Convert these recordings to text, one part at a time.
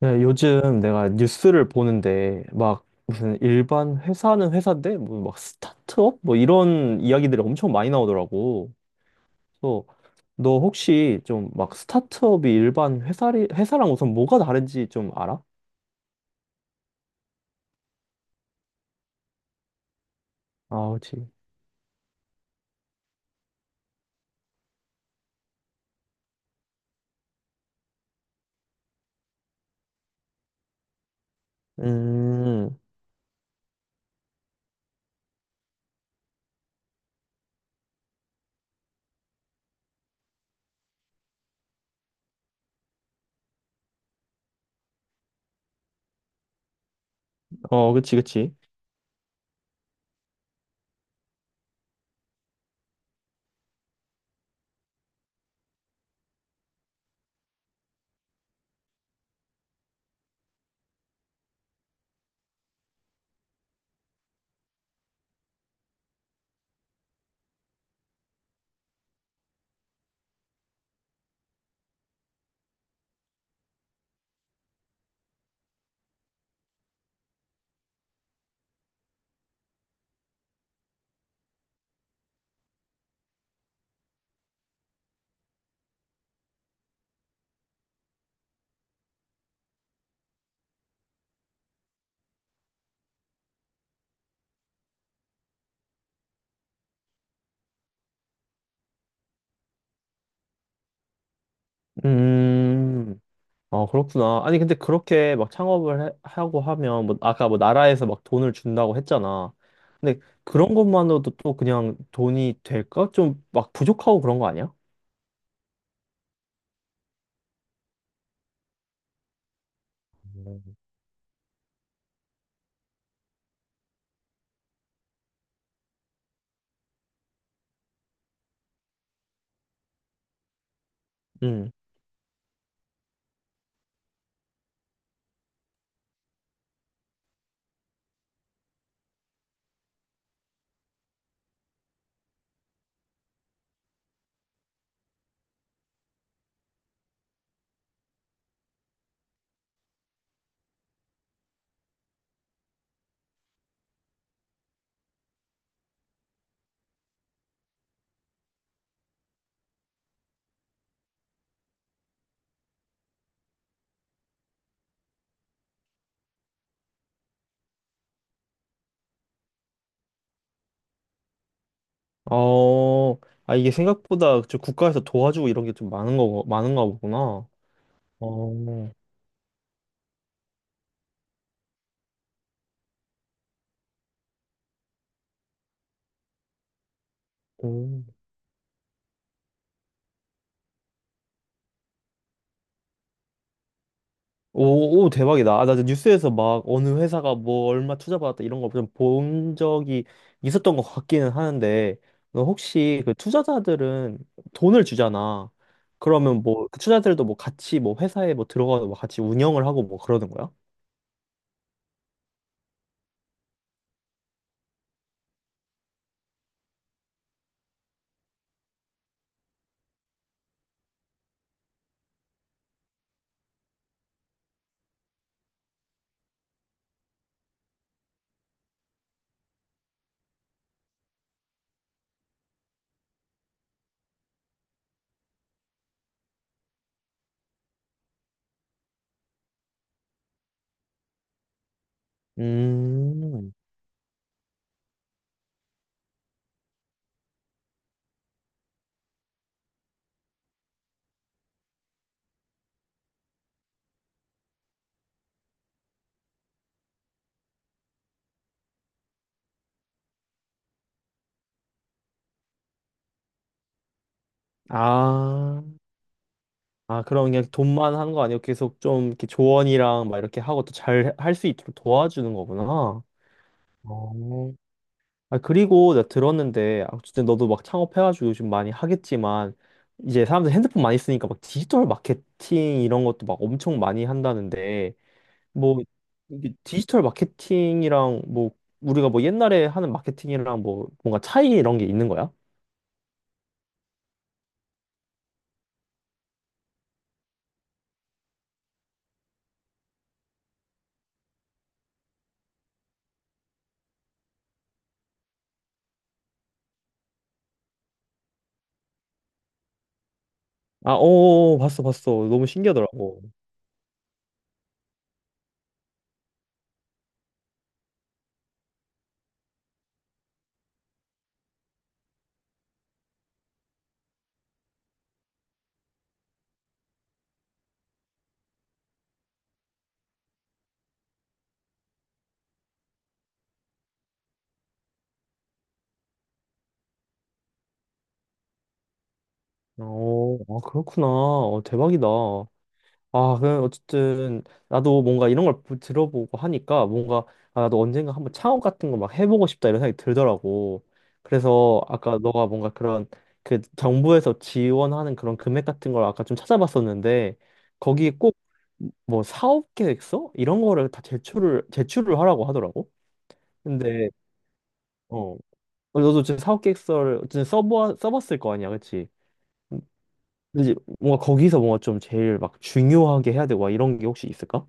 네, 요즘 내가 뉴스를 보는데 막 무슨 일반 회사는 회사인데 뭐 막 스타트업 뭐 이런 이야기들이 엄청 많이 나오더라고. 그래서 너 혹시 좀 막 스타트업이 일반 회사리 회사랑 우선 뭐가 다른지 좀 알아? 아, 그렇지. 음, 어, 그치, 그치. 음, 아, 그렇구나. 아니, 근데 그렇게 막 하고 하면, 뭐, 아까 뭐 나라에서 막 돈을 준다고 했잖아. 근데 그런 것만으로도 또 그냥 돈이 될까? 좀 막 부족하고 그런 거 아니야? 음. 응. 어, 아, 이게 생각보다 저 국가에서 도와주고 이런 게 좀 많은 거, 많은가 보구나. 어, 오. 오, 오, 대박이다. 아, 나 뉴스에서 막 어느 회사가 뭐 얼마 투자받았다 이런 거 좀 본 적이 있었던 것 같기는 하는데, 너 혹시 그 투자자들은 돈을 주잖아. 그러면 뭐 그 투자자들도 뭐 같이 뭐 회사에 뭐 들어가서 뭐 같이 운영을 하고 뭐 그러는 거야? 음, 아, 아, 그럼 그냥 돈만 한 거 아니고 계속 좀 이렇게 조언이랑 막 이렇게 하고 또 잘 할 수 있도록 도와주는 거구나. 어. 아, 그리고 나 들었는데, 아, 어쨌든 너도 막 창업해가지고 요즘 많이 하겠지만, 이제 사람들 핸드폰 많이 쓰니까 막 디지털 마케팅 이런 것도 막 엄청 많이 한다는데, 뭐, 이게 디지털 마케팅이랑 뭐, 우리가 뭐 옛날에 하는 마케팅이랑 뭐, 뭔가 차이 이런 게 있는 거야? 아, 어, 어, 어, 봤어, 봤어. 너무 신기하더라고. 어, 아, 그렇구나. 어, 대박이다. 아, 그 어쨌든 나도 뭔가 이런 걸 들어보고 하니까 뭔가 아, 나도 언젠가 한번 창업 같은 거 막 해보고 싶다 이런 생각이 들더라고. 그래서 아까 너가 뭔가 그런 그 정부에서 지원하는 그런 금액 같은 걸 아까 좀 찾아봤었는데 거기 꼭 뭐 사업 계획서 이런 거를 다 제출을 하라고 하더라고. 근데 어 너도 지금 사업 계획서를 어쨌든 써보 써봤을 거 아니야, 그치. 근데 이제 뭔가 거기서 뭔가 좀 제일 막 중요하게 해야 되고 막 이런 게 혹시 있을까?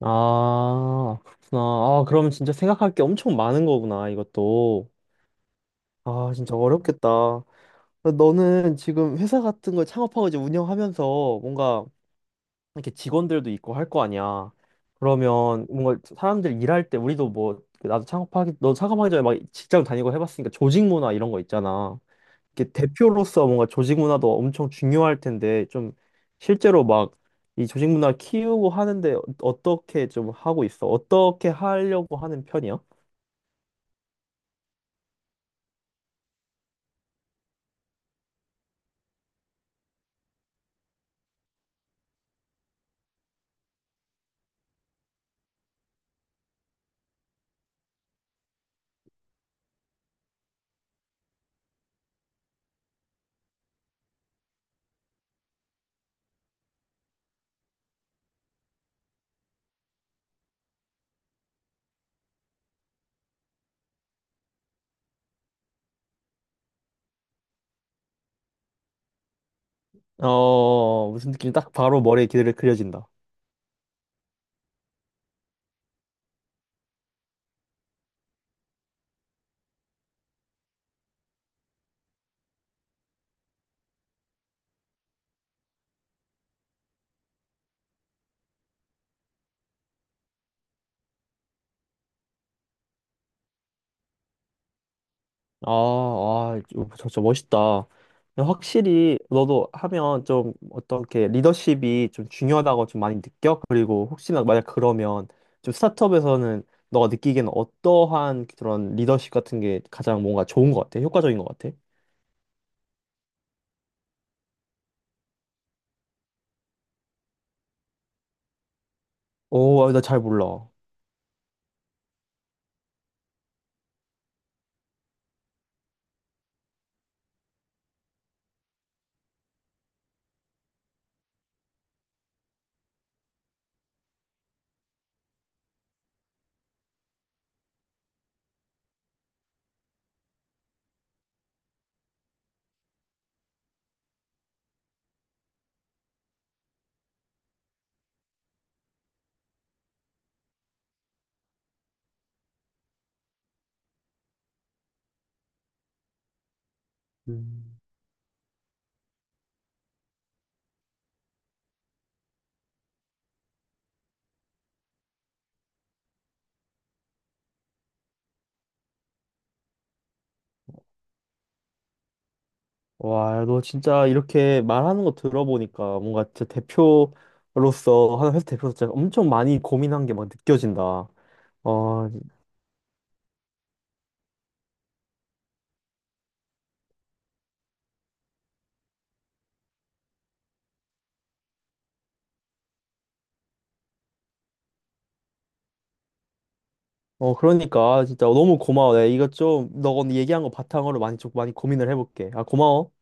아, 그렇구나. 아, 그럼 진짜 생각할 게 엄청 많은 거구나, 이것도. 아, 진짜 어렵겠다. 너는 지금 회사 같은 걸 창업하고 이제 운영하면서 뭔가 이렇게 직원들도 있고 할 거 아니야. 그러면 뭔가 사람들 일할 때 우리도 뭐, 나도 창업하기, 너 창업하기 전에 막 직장 다니고 해봤으니까 조직 문화 이런 거 있잖아. 이렇게 대표로서 뭔가 조직 문화도 엄청 중요할 텐데 좀 실제로 막 이 조직 문화 키우고 하는데 어떻게 좀 하고 있어? 어떻게 하려고 하는 편이야? 어, 무슨 느낌이 딱 바로 머리에 기대를 그려진다. 아, 아, 저, 저 멋있다. 확실히 너도 하면 좀 어떻게 리더십이 좀 중요하다고 좀 많이 느껴? 그리고 혹시나 만약 그러면 좀 스타트업에서는 너가 느끼기에는 어떠한 그런 리더십 같은 게 가장 뭔가 좋은 것 같아? 효과적인 것 같아? 오, 나 잘 몰라. 음. 와, 너 진짜 이렇게 말하는 거 들어보니까 뭔가 진짜 대표로서, 한 회사 대표로서 진짜 엄청 많이 고민한 게 막 느껴진다. 어, 어, 그러니까 진짜 너무 고마워. 내가 이거 좀, 너가 오늘 얘기한 거 바탕으로 많이 좀 많이 고민을 해볼게. 아, 고마워.